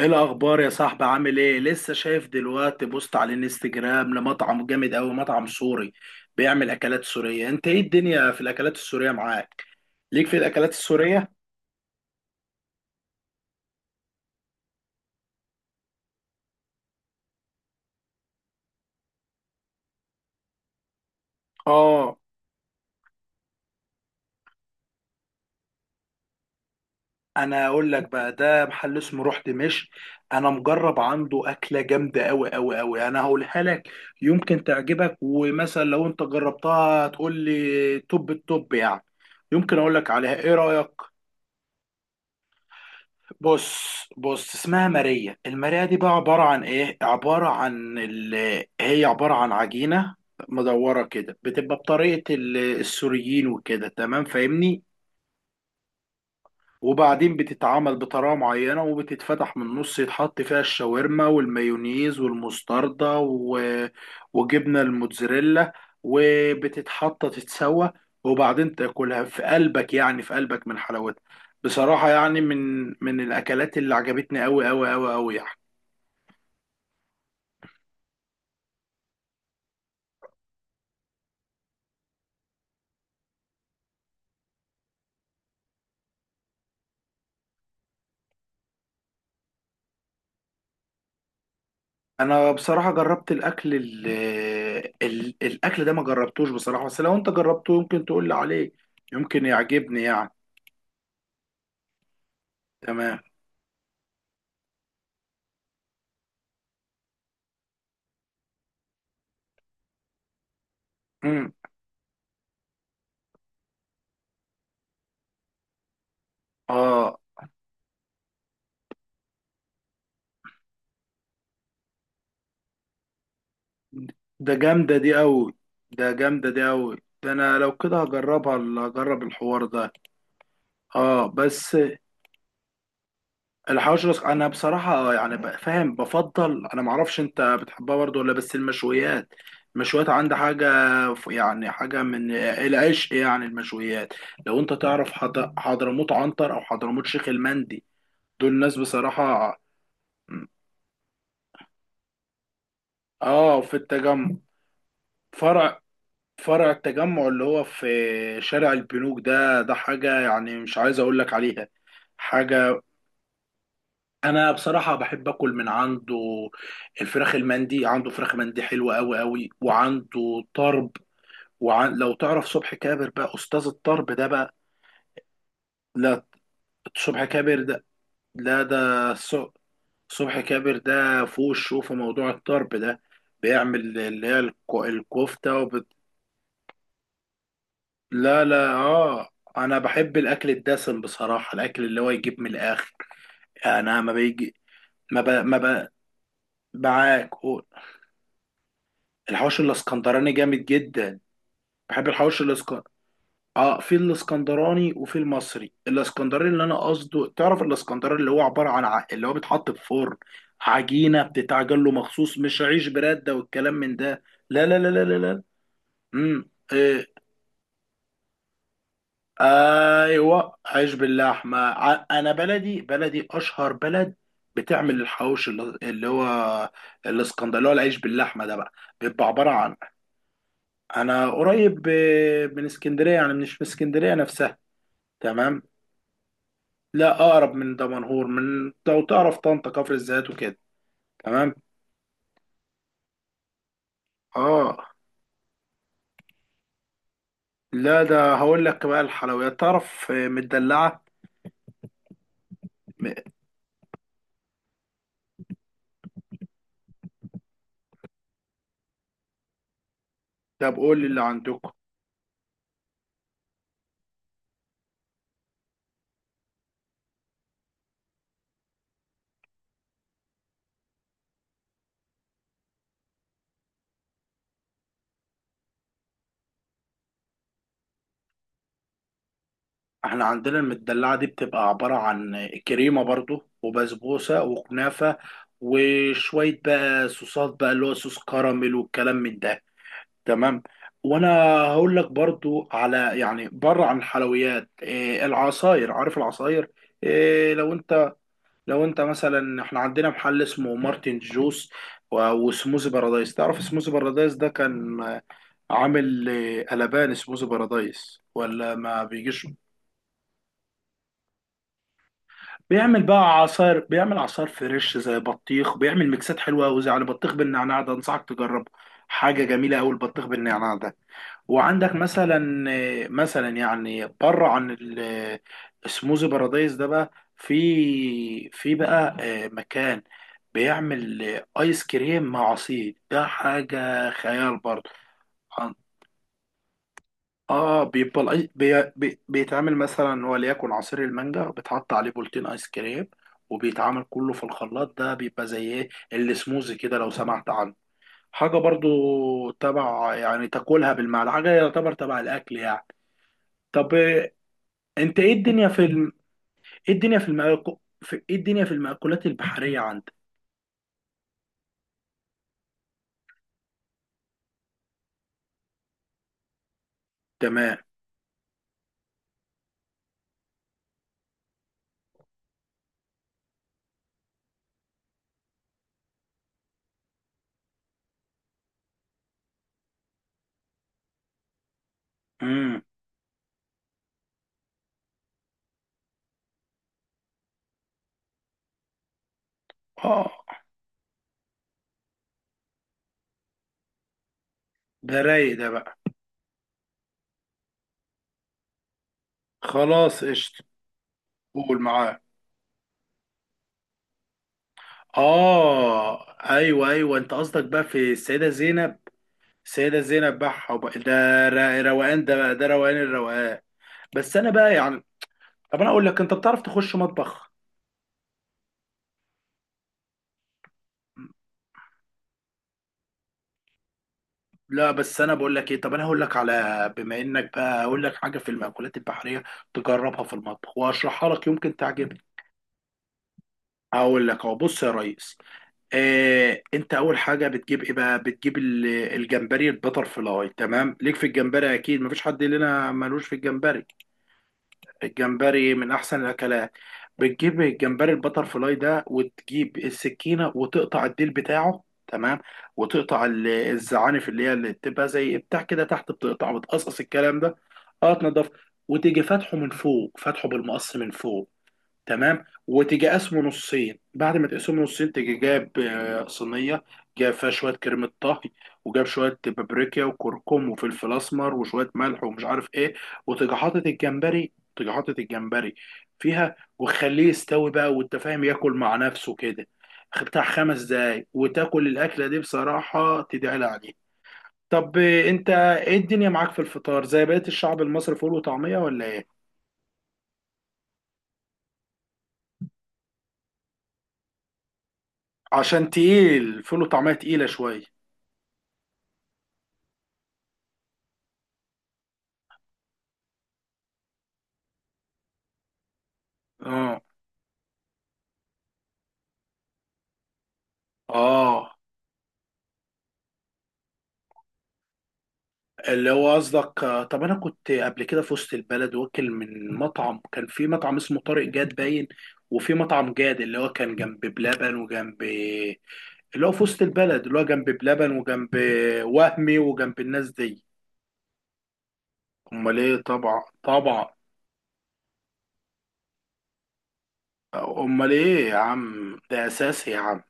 ايه الاخبار يا صاحبي؟ عامل ايه؟ لسه شايف دلوقتي بوست على الانستجرام لمطعم جامد اوي، مطعم سوري بيعمل اكلات سورية. انت ايه الدنيا في الاكلات السورية معاك؟ ليك في الاكلات السورية؟ اه، انا اقول لك بقى، ده محل اسمه روح دمشق. انا مجرب عنده اكلة جامدة اوي اوي اوي، انا هقولها لك. يمكن تعجبك، ومثلا لو انت جربتها تقول لي توب التوب يعني. يمكن اقول لك عليها، ايه رأيك؟ بص بص، اسمها ماريا. الماريا دي بقى عبارة عن ايه؟ عبارة عن هي عبارة عن عجينة مدورة كده، بتبقى بطريقة السوريين وكده. تمام، فاهمني؟ وبعدين بتتعمل بطريقة معينة، وبتتفتح من النص، يتحط فيها الشاورما والمايونيز والمستردة وجبنة الموتزاريلا، وبتتحط تتسوى. وبعدين تاكلها في قلبك، يعني في قلبك من حلاوتها. بصراحة يعني من الأكلات اللي عجبتني أوي أوي أوي أوي يعني. أنا بصراحة جربت الأكل ده ما جربتوش بصراحة، بس لو أنت جربته يمكن تقول لي عليه، يمكن يعجبني يعني. تمام. مم. اه، ده جامدة دي أوي، ده جامدة دي أوي. ده أنا لو كده هجربها، هجرب الحوار ده. اه، بس الحواوشي رأس. أنا بصراحة، يعني فاهم. بفضل أنا معرفش، أنت بتحبها برضه ولا بس المشويات؟ المشويات عندي حاجة، يعني حاجة من العشق يعني. المشويات لو أنت تعرف حضرموت عنتر أو حضرموت شيخ المندي، دول ناس بصراحة. اه، في التجمع فرع. فرع التجمع اللي هو في شارع البنوك ده، ده حاجة يعني، مش عايز اقول لك عليها. حاجة، انا بصراحة بحب اكل من عنده. الفراخ المندي، عنده فراخ مندي حلوة قوي قوي، وعنده طرب. لو تعرف صبحي كابر بقى، استاذ الطرب ده بقى. لا، صبحي كابر ده. لا، ده الص- صبحي كابر ده فوق الشو في موضوع الطرب ده. بيعمل اللي هي الكفتة. لا، لا، اه، انا بحب الاكل الدسم بصراحه، الاكل اللي هو يجيب من الاخر يعني. انا ما بيجي، ما ب... ما ب... معاك، قول. الحوش الاسكندراني جامد جدا. بحب الحوش الاسكندراني. اه، في الاسكندراني وفي المصري. الاسكندراني اللي انا قصده، تعرف الاسكندراني اللي هو عباره عن اللي هو بيتحط في فرن، عجينه بتتعجن له مخصوص، مش عيش برده والكلام من ده. لا، لا، لا، لا، لا، لا. امم ايوه، عيش باللحمه. انا بلدي بلدي اشهر بلد بتعمل الحواوشي، اللي هو الاسكندريه، اللي هو العيش باللحمه ده بقى. بيبقى عباره عن، انا قريب من اسكندريه يعني، مش من اسكندريه نفسها. تمام. لا، اقرب من دمنهور، من لو تعرف طنطا، كفر الزيات وكده. تمام، اه. لا، ده هقول لك بقى. الحلويات تعرف مدلعه. م- طب قول لي اللي عندكم. احنا عندنا المدلعة دي بتبقى عبارة عن كريمة برضو وبسبوسة وكنافة، وشوية بقى صوصات بقى، اللي هو صوص كراميل والكلام من ده. تمام. وانا هقول لك برضو على، يعني بره عن الحلويات، إيه العصاير؟ عارف العصاير إيه؟ لو انت مثلا، احنا عندنا محل اسمه مارتن جوس وسموزي بارادايس. تعرف سموزي بارادايس ده؟ كان عامل قلبان. سموزي بارادايس، ولا ما بيجيش؟ بيعمل بقى عصاير، بيعمل عصاير فريش زي بطيخ، بيعمل ميكسات حلوه قوي، زي على بطيخ بالنعناع. ده انصحك تجربه، حاجه جميله قوي البطيخ بالنعناع ده. وعندك مثلا يعني بره عن السموزي بارادايس ده بقى، في في بقى مكان بيعمل ايس كريم مع عصير. ده حاجه خيال برضه. اه، بيبقى بيتعمل مثلا، وليكن عصير المانجا بيتحط عليه بولتين ايس كريم، وبيتعمل كله في الخلاط. ده بيبقى زي ايه، السموزي كده لو سمعت عنه. حاجة برضو تبع، يعني تاكلها بالمعلقة، حاجة يعتبر تبع الأكل يعني. طب انت ايه الدنيا في ايه الدنيا في في ايه الدنيا في المأكولات البحرية عندك؟ تمام. امم اه، ده رايق ده بقى. خلاص، قشطة. قول، معاك. اه، ايوه، ايوه، انت قصدك بقى في السيده زينب. السيده زينب بقى، ده روقان ده بقى، ده روقان الروقان. بس انا بقى يعني، طب انا اقول لك، انت بتعرف تخش مطبخ؟ لا بس انا بقول لك ايه، طب انا هقول لك على، بما انك بقى، اقول لك حاجه في المأكولات البحريه، تجربها في المطبخ واشرحها لك، يمكن تعجبك. هقول لك اهو، بص يا ريس. انت اول حاجه بتجيب ايه بقى، بتجيب الجمبري البتر فلاي. تمام، ليك في الجمبري، اكيد مفيش حد لنا ملوش في الجمبري. الجمبري من احسن الاكلات. بتجيب الجمبري البتر فلاي ده، وتجيب السكينه وتقطع الديل بتاعه، تمام. وتقطع الزعانف اللي هي، اللي بتبقى زي بتاع كده تحت، بتقطع وتقصقص الكلام ده. اه، تنضف. وتيجي فاتحه من فوق، فاتحه بالمقص من فوق، تمام. وتيجي قسمه نصين، بعد ما تقسمه نصين تيجي جاب صينيه، جاب فيها شويه كريمه طهي، وجاب شويه بابريكا وكركم وفلفل اسمر وشويه ملح ومش عارف ايه. وتيجي حاطط الجمبري، تيجي حاطط الجمبري فيها، وخليه يستوي بقى، وانت فاهم ياكل مع نفسه كده. بتاع 5 دقايق، وتاكل الاكله دي بصراحه تدعي عليه. طب انت ايه الدنيا معاك في الفطار، زي بقيه الشعب المصري فول وطعميه، ولا ايه؟ عشان تقيل، فول وطعميه تقيله شويه. اه، اه، اللي هو قصدك، طب انا كنت قبل كده في وسط البلد، واكل من مطعم، كان في مطعم اسمه طارق جاد باين، وفي مطعم جاد اللي هو كان جنب بلبن وجنب، اللي هو في وسط البلد، اللي هو جنب بلبن وجنب وهمي وجنب الناس دي. امال ايه، طبعا، طبعا. امال ايه يا عم، ده اساسي يا عم.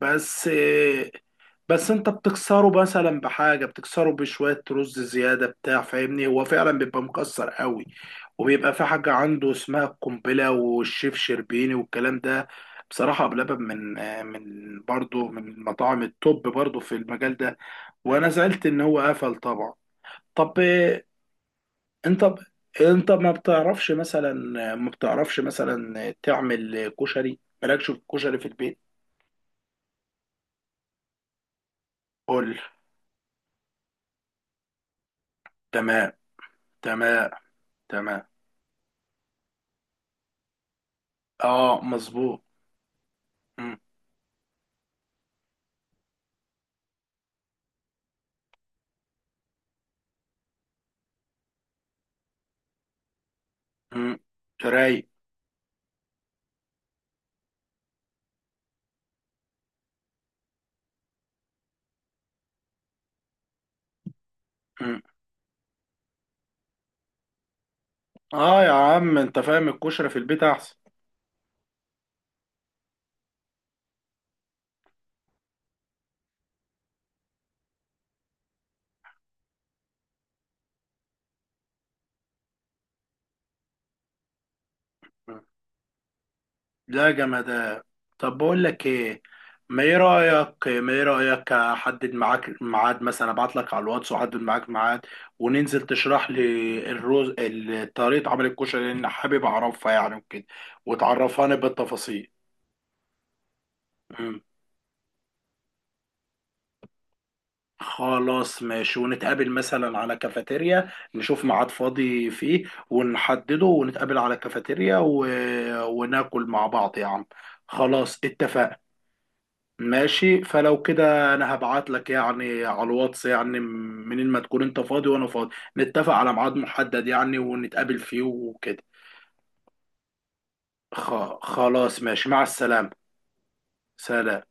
بس بس، انت بتكسره مثلا بحاجه، بتكسره بشويه رز زياده بتاع. فاهمني؟ هو فعلا بيبقى مكسر قوي، وبيبقى في حاجه عنده اسمها القنبله والشيف شربيني والكلام ده. بصراحه بلبن، من برضه من مطاعم التوب برضه في المجال ده. وانا زعلت ان هو قفل طبعا. طب انت انت ما بتعرفش مثلا، ما بتعرفش مثلا تعمل كشري؟ مالكش في الكشري في البيت؟ قول. تمام. تمام. تمام. اه، مظبوط. مم. مم. رايق. مم. اه يا عم، انت فاهم، الكشري في البيت احسن. مم. لا، جمدان. طب بقول لك ايه، ما ايه رايك احدد معاك ميعاد، مثلا ابعت لك على الواتس واحدد معاك ميعاد، وننزل تشرح لي طريقه عمل الكشري، لان حابب اعرفها يعني وكده، وتعرفاني بالتفاصيل. خلاص، ماشي. ونتقابل مثلا على كافيتيريا، نشوف ميعاد فاضي فيه ونحدده، ونتقابل على كافيتيريا وناكل مع بعض يا عم. خلاص اتفقنا. ماشي، فلو كده انا هبعت لك يعني على الواتس، يعني منين ما تكون انت فاضي وانا فاضي، نتفق على ميعاد محدد يعني، ونتقابل فيه وكده. خ... خلاص ماشي، مع السلامة. سلام.